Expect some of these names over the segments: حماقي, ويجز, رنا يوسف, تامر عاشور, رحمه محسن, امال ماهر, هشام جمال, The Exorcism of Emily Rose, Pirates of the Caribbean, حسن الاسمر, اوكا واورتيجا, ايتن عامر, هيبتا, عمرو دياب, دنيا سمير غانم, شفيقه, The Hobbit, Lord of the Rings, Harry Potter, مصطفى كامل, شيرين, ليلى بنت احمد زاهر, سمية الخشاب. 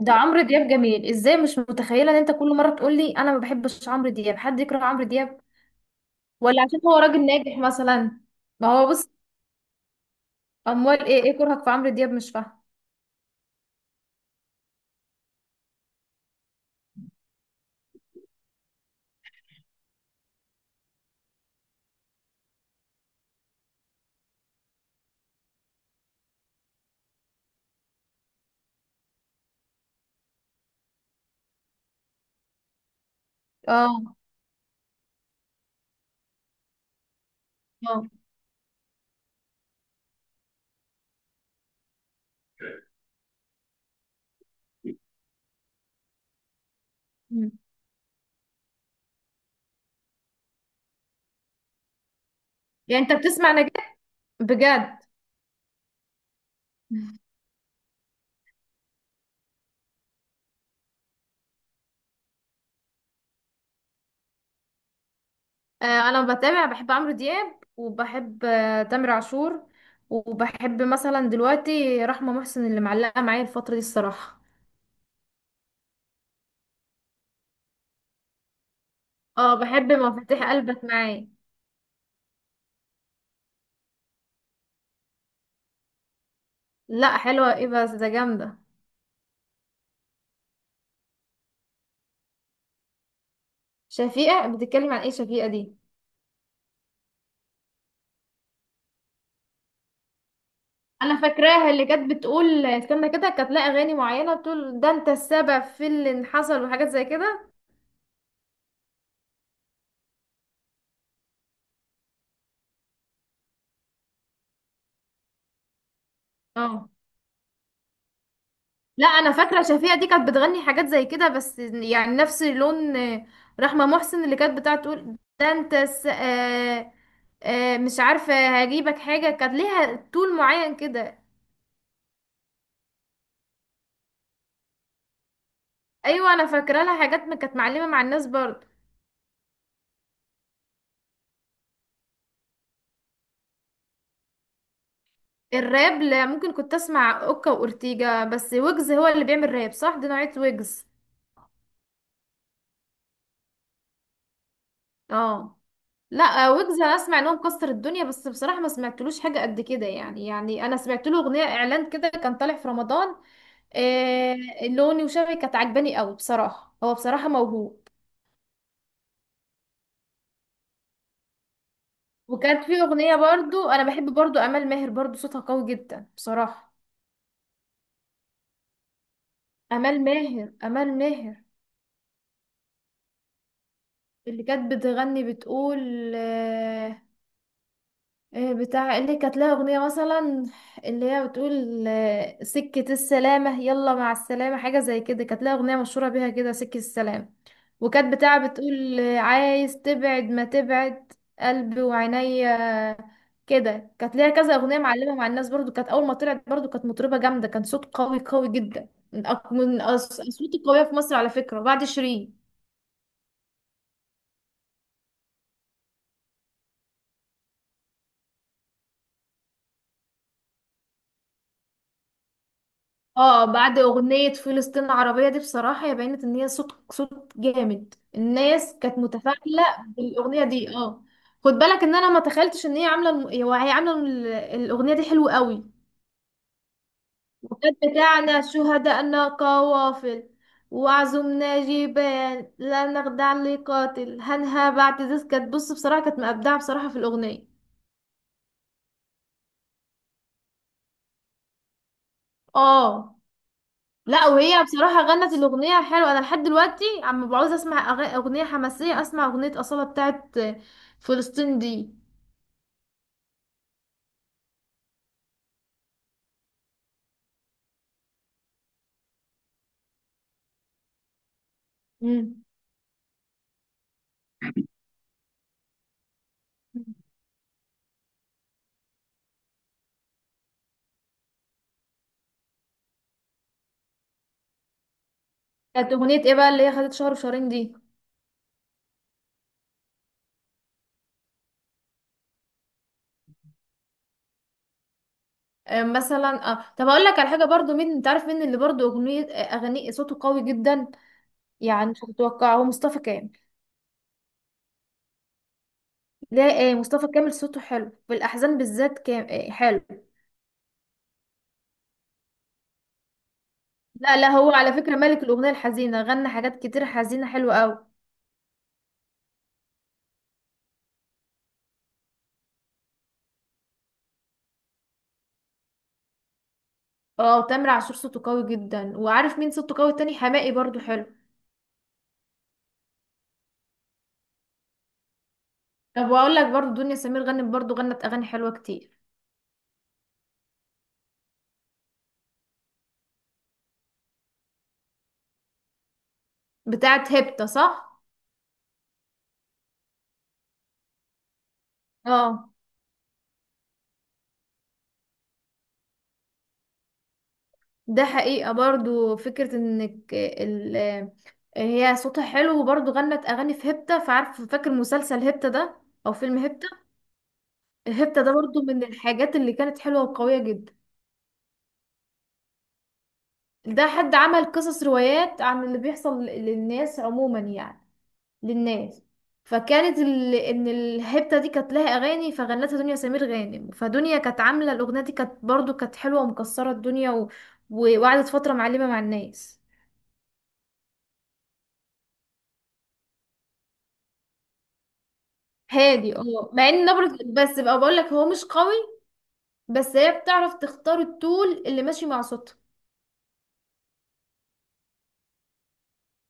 ده عمرو دياب جميل ازاي؟ مش متخيله ان انت كل مره تقول لي انا ما بحبش عمرو دياب. حد يكره عمرو دياب؟ ولا عشان هو راجل ناجح مثلا؟ ما هو بص اموال، ايه كرهك في عمرو دياب؟ مش فاهمه. اه، اه. مم. يعني انت بتسمع نجاح بجد؟ آه، انا بتابع بحب عمرو دياب وبحب تامر عاشور، وبحب مثلا دلوقتي رحمه محسن اللي معلقه معايا الفتره دي الصراحه. اه، بحب مفاتيح قلبك معايا. لا، حلوه ايه بس، ده جامده. شفيقه بتتكلم عن ايه؟ شفيقه دي؟ انا فاكراها، اللي كانت بتقول استنى كده، كانت لها اغاني معينه بتقول ده انت السبب في اللي حصل وحاجات زي كده. اه، لا انا فاكره شفيقه دي كانت بتغني حاجات زي كده، بس يعني نفس لون رحمه محسن، اللي كانت بتاعت تقول ده انت الس... آه... آه... مش عارفه هجيبك حاجه، كانت ليها طول معين كده. ايوه، انا فاكره لها حاجات ما كانت معلمه مع الناس برضه. الراب؟ لا، ممكن كنت اسمع اوكا واورتيجا بس. ويجز هو اللي بيعمل راب، صح؟ دي نوعيه ويجز. اه، لا ويجز انا اسمع ان هو مكسر الدنيا، بس بصراحه ما سمعتلوش حاجه قد كده يعني انا سمعت له اغنيه اعلان كده كان طالع في رمضان. آه. لوني وشبهي كانت عجباني قوي بصراحه، هو بصراحه موهوب. وكانت في اغنيه برضو، انا بحب برضو امال ماهر، برضو صوتها قوي جدا بصراحه. امال ماهر، امال ماهر اللي كانت بتغني بتقول آه، إيه بتاع اللي كانت لها أغنية مثلا؟ اللي هي بتقول سكة السلامة يلا مع السلامة، حاجة زي كده، كانت لها أغنية مشهورة بيها كده، سكة السلامة. وكانت بتاع بتقول عايز تبعد ما تبعد قلبي وعينيا. كده كانت ليها كذا أغنية معلمة مع الناس برضو. كانت أول ما طلعت برضو كانت مطربة جامدة، كان صوت قوي قوي جدا من الأصوات القوية في مصر، على فكرة، بعد شيرين. اه، بعد اغنية فلسطين العربية دي بصراحة هي بينت ان هي صوت جامد، الناس كانت متفاعلة بالاغنية دي، اه. خد بالك ان انا ما تخيلتش ان هي عاملة الم- هو هي عاملة ال- الاغنية دي حلوة قوي. وقد بتاعنا شهداءنا قوافل، وعزمنا جبال لا نخدع لقاتل، هنها بعد ذس، كانت بص بصراحة كانت مبدعة بصراحة في الاغنية. اه، لا وهي بصراحة غنت الأغنية حلوة، أنا لحد دلوقتي عم بعوز أسمع أغنية حماسية، أسمع أغنية أصالة بتاعت فلسطين دي. مم. كانت أغنية إيه بقى اللي هي خدت شهر وشهرين دي؟ مثلا، طب أقول لك على حاجة برضو، مين أنت عارف مين اللي برضو أغنية أغاني صوته قوي جدا؟ يعني مش هتتوقعه، هو مصطفى كامل. لا، مصطفى كامل صوته حلو في الأحزان بالذات، كام حلو. لا لا، هو على فكرة ملك الأغنية الحزينة، غنى حاجات كتير حزينة حلوة أوي. اه، تامر عاشور صوته قوي جدا. وعارف مين صوته قوي تاني؟ حماقي برضو حلو. طب واقول لك برضو، دنيا سمير غنت، برضو غنت اغاني حلوه كتير. بتاعت هيبتا، صح؟ اه، ده حقيقه برضو، فكره انك هي صوتها حلو، وبرضو غنت اغاني في هيبتا. فعارف، فاكر مسلسل هيبتا ده، او فيلم هيبتا؟ هيبتا ده برضو من الحاجات اللي كانت حلوه وقويه جدا. ده حد عمل قصص روايات عن اللي بيحصل للناس عموما، يعني للناس. فكانت ان الهبته دي كانت لها اغاني، فغنتها دنيا سمير غانم. فدنيا كانت عامله الاغنيه دي، كانت برضو كانت حلوه ومكسره الدنيا وقعدت فتره معلمه مع الناس. هادي، اه، مع ان نبرة بس بقى، بقول لك، هو مش قوي، بس هي بتعرف تختار التون اللي ماشي مع صوتها.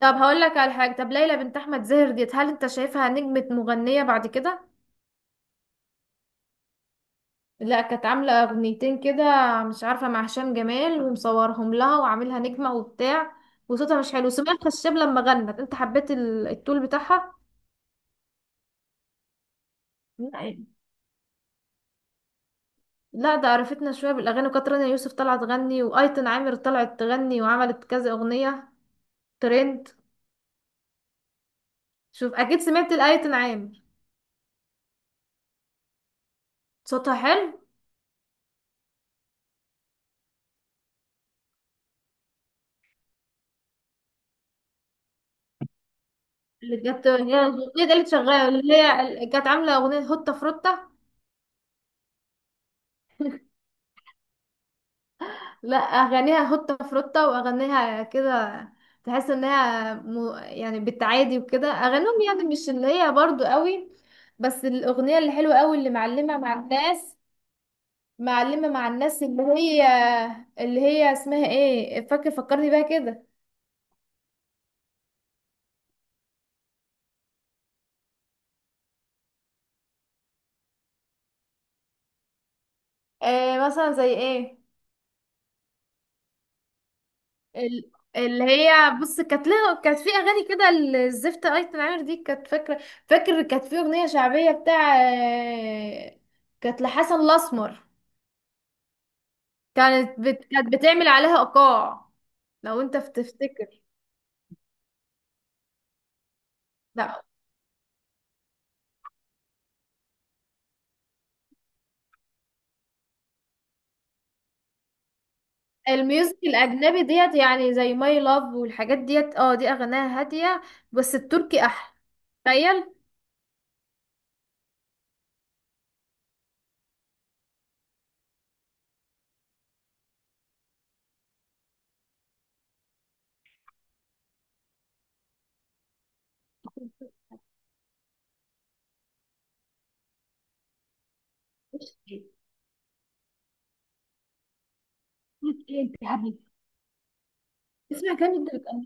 طب هقول لك على حاجه، طب ليلى بنت احمد زاهر ديت، هل انت شايفها نجمه مغنيه بعد كده؟ لا، كانت عاملة أغنيتين كده، مش عارفة، مع هشام جمال، ومصورهم لها وعاملها نجمة وبتاع، وصوتها مش حلو. سمية الخشاب لما غنت انت حبيت التول بتاعها. لا لا، ده عرفتنا شوية بالأغاني، وكانت رنا يوسف طلعت تغني، وأيتن عامر طلعت تغني وعملت كذا أغنية ترند. شوف، أكيد سمعت الأيتن عامر، صوتها حلو. اللي كانت هي الأغنية دي اللي شغالة، اللي هي اللي كانت عاملة أغنية هوتة فروتة. لا، اغانيها هوتة فروتة واغانيها كده، تحس انها يعني بالتعادي وكده، اغانيهم يعني مش اللي هي برضو قوي. بس الاغنية اللي حلوة قوي، اللي معلمة مع الناس، معلمة مع الناس، اللي هي اسمها ايه؟ فاكر؟ فكرني بيها كده. مثلا زي ايه؟ اللي هي بص، كانت لها، كانت في اغاني كده، الزفت ايتن عامر دي، كانت فاكره، فاكر؟ كانت في اغنيه شعبيه بتاع كانت لحسن الاسمر، كانت بتعمل عليها ايقاع، لو انت بتفتكر. لا، الميوزك الاجنبي ديت يعني زي ماي لاف والحاجات ديت، اه، دي اغانيها هاديه، بس التركي احلى، تخيل. إيه؟ إيه انت يا حبيبي؟ اسمع كلام انت بتقول.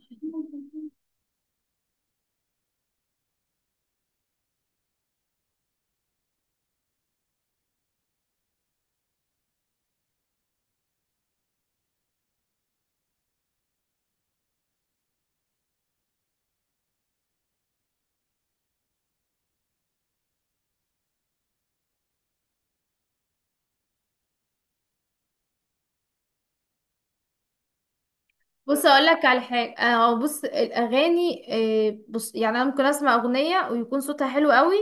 بص اقول لك على حاجه، بص الاغاني، بص يعني انا ممكن اسمع اغنيه ويكون صوتها حلو قوي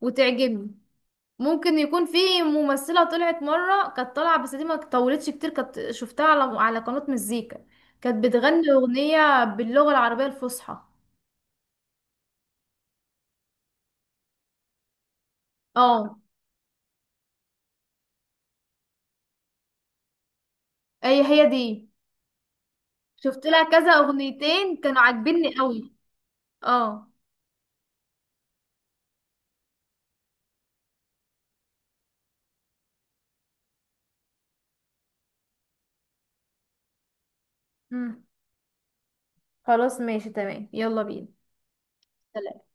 وتعجبني. ممكن يكون في ممثلة طلعت مرة، كانت طالعة بس دي ما طولتش كتير، كانت شفتها على قناة مزيكا، كانت بتغني أغنية باللغة العربية الفصحى. اه، هي هي دي. شفت لها كذا أغنيتين كانوا عاجبني قوي، اه. مم. خلاص، ماشي تمام، يلا بينا. سلام.